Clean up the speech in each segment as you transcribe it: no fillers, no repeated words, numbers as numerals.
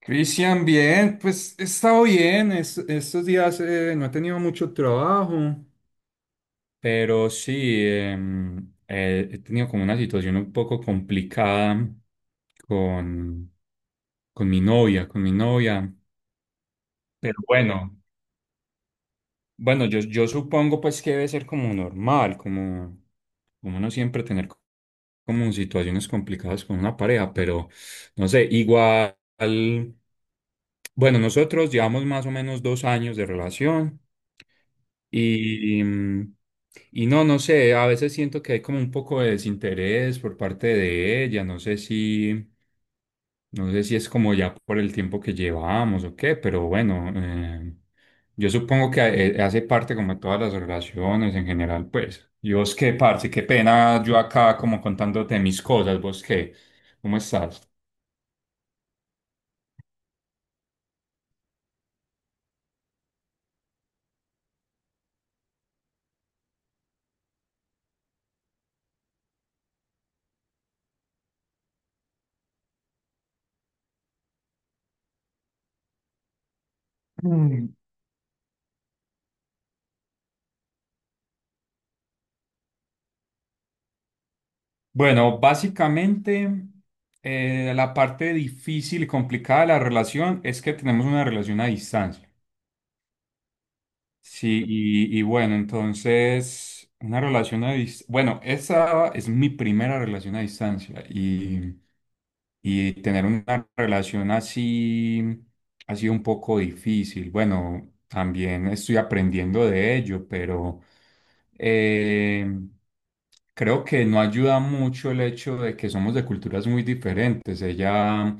Cristian, bien, pues he estado bien. Estos días no he tenido mucho trabajo, pero sí, he tenido como una situación un poco complicada con, con mi novia, con mi novia. Pero bueno, bueno, yo supongo pues que debe ser como normal, como no siempre tener como situaciones complicadas con una pareja, pero no sé, igual, bueno, nosotros llevamos más o menos 2 años de relación y, mm, y no, no sé, a veces siento que hay como un poco de desinterés por parte de ella, No sé si es como ya por el tiempo que llevamos o qué, pero bueno, yo supongo que hace parte como de todas las relaciones en general, pues. ¿Y vos qué, parce? Qué pena yo acá como contándote mis cosas, ¿vos qué? ¿Cómo estás? Mm. Bueno, básicamente la parte difícil y complicada de la relación es que tenemos una relación a distancia. Sí, y bueno, entonces, una relación a distancia. Bueno, esa es mi primera relación a distancia y tener una relación así ha sido un poco difícil. Bueno, también estoy aprendiendo de ello, pero eh, creo que no ayuda mucho el hecho de que somos de culturas muy diferentes. Ella,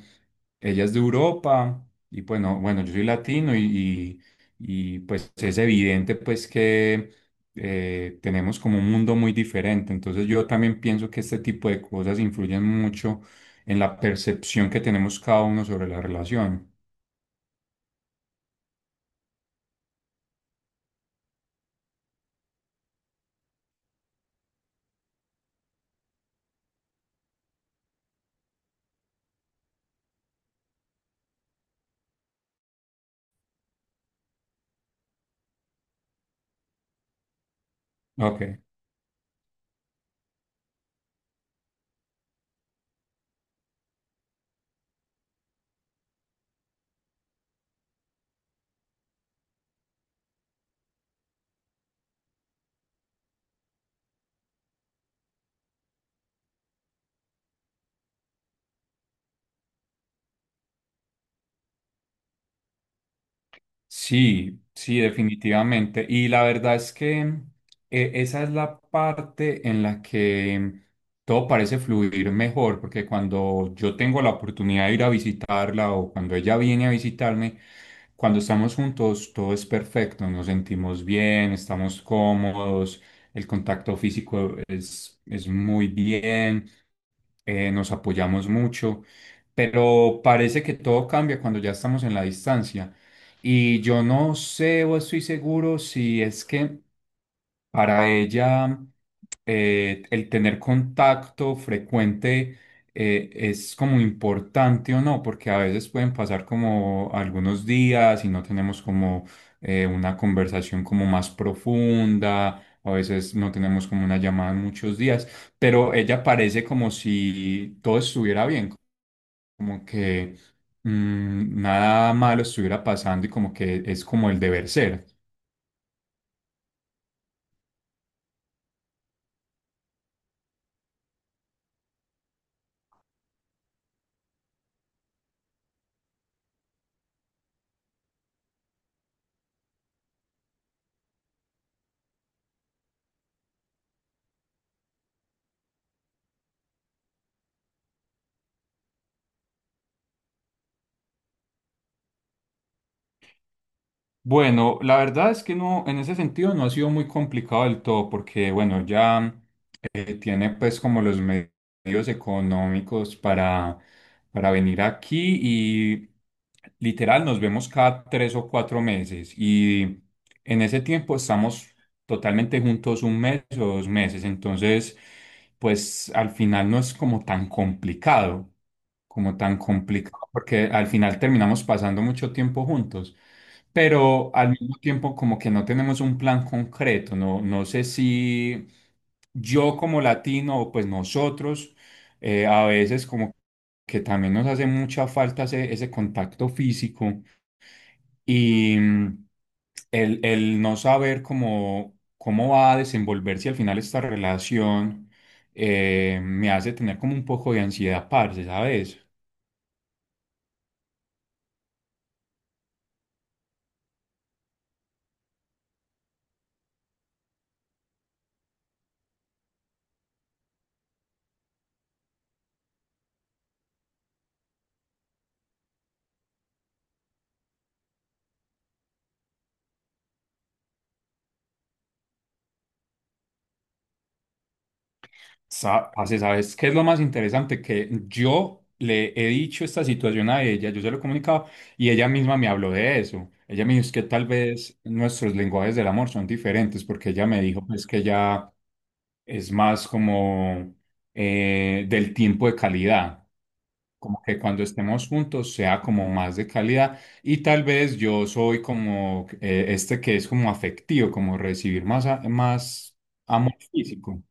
ella es de Europa y bueno, bueno, yo soy latino y pues es evidente pues que tenemos como un mundo muy diferente. Entonces yo también pienso que este tipo de cosas influyen mucho en la percepción que tenemos cada uno sobre la relación. Ok. Sí, sí, definitivamente. Y la verdad es que esa es la parte en la que todo parece fluir mejor, porque cuando yo tengo la oportunidad de ir a visitarla o cuando ella viene a visitarme, cuando estamos juntos todo es perfecto, nos sentimos bien, estamos cómodos, el contacto físico es muy bien, nos apoyamos mucho, pero parece que todo cambia cuando ya estamos en la distancia. Y yo no sé o estoy seguro si es que para ella el tener contacto frecuente es como importante o no, porque a veces pueden pasar como algunos días y no tenemos como una conversación como más profunda, a veces no tenemos como una llamada en muchos días, pero ella parece como si todo estuviera bien, como que nada malo estuviera pasando y como que es como el deber ser. Bueno, la verdad es que no, en ese sentido no ha sido muy complicado del todo, porque bueno, ya tiene pues como los medios económicos para venir aquí y literal nos vemos cada 3 o 4 meses y en ese tiempo estamos totalmente juntos un mes o 2 meses, entonces pues al final no es como tan complicado, porque al final terminamos pasando mucho tiempo juntos, pero al mismo tiempo como que no tenemos un plan concreto, no, no sé si yo como latino o pues nosotros a veces como que también nos hace mucha falta ese contacto físico y el no saber cómo va a desenvolverse al final esta relación. Me hace tener como un poco de ansiedad, parce, ¿sabes? Parce, ¿sabes qué es lo más interesante? Que yo le he dicho esta situación a ella, yo se lo he comunicado y ella misma me habló de eso. Ella me dijo es que tal vez nuestros lenguajes del amor son diferentes porque ella me dijo pues que ella es más como del tiempo de calidad, como que cuando estemos juntos sea como más de calidad y tal vez yo soy como este que es como afectivo, como recibir más, más amor físico.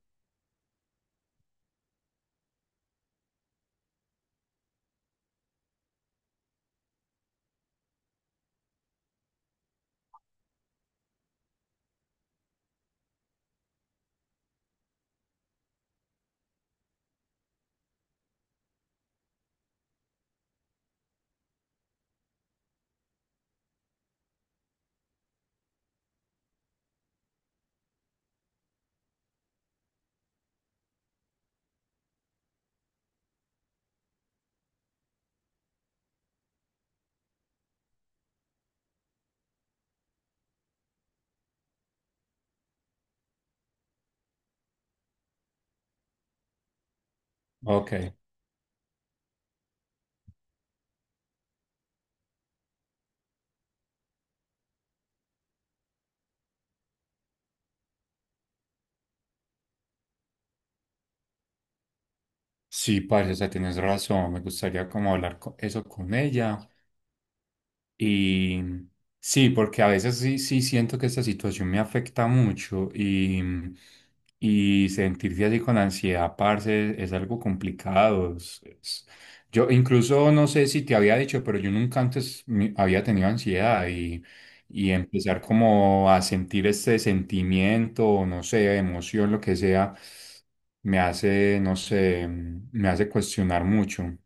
Ok. Sí, parce, o sea, tienes razón. Me gustaría como hablar eso con ella. Y sí, porque a veces sí, sí siento que esta situación me afecta mucho y sentirse así con ansiedad, parce, es algo complicado. Yo incluso no sé si te había dicho, pero yo nunca antes había tenido ansiedad y empezar como a sentir este sentimiento, o no sé, emoción, lo que sea, me hace, no sé, me hace cuestionar mucho.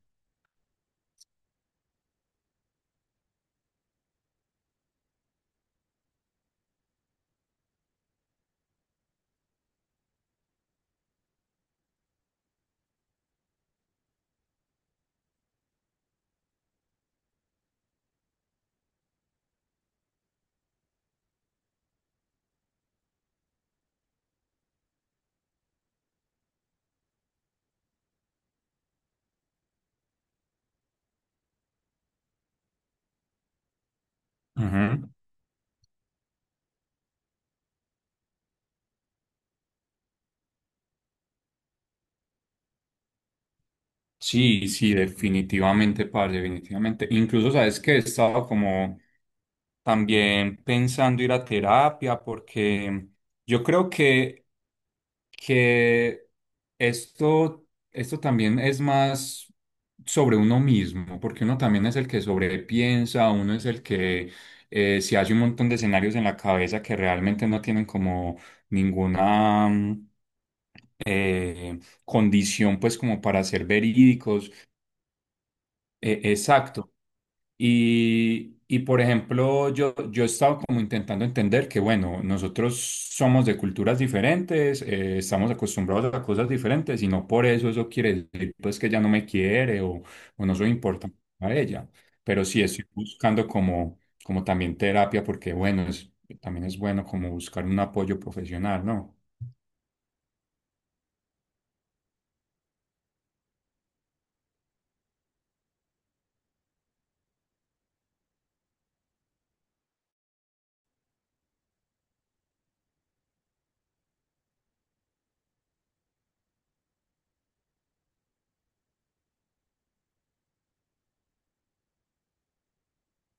Ujú. Sí, sí, definitivamente, parce, definitivamente. Incluso, ¿sabes que he estado como también pensando ir a terapia porque yo creo que esto también es más sobre uno mismo, porque uno también es el que sobrepiensa, uno es el que se hace un montón de escenarios en la cabeza que realmente no tienen como ninguna eh, condición pues como para ser verídicos, exacto. Por ejemplo, yo he estado como intentando entender que bueno, nosotros somos de culturas diferentes, estamos acostumbrados a cosas diferentes y no por eso quiere decir pues que ella no me quiere o no soy importante para ella. Pero sí estoy buscando como, como también terapia porque bueno, también es bueno como buscar un apoyo profesional, ¿no?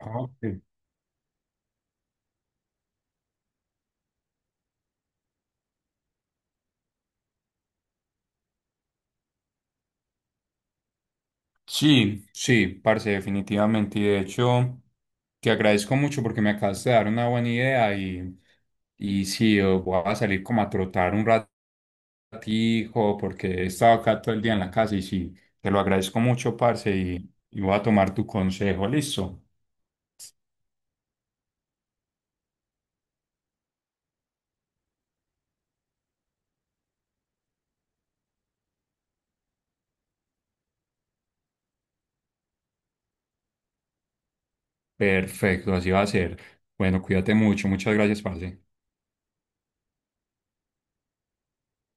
Ok. Sí, sí, parce, definitivamente. Y de hecho, te agradezco mucho porque me acabas de dar una buena idea y sí, voy a salir como a trotar un ratico porque he estado acá todo el día en la casa y sí, te lo agradezco mucho, parce, y voy a tomar tu consejo, listo. Perfecto, así va a ser. Bueno, cuídate mucho, muchas gracias, parce.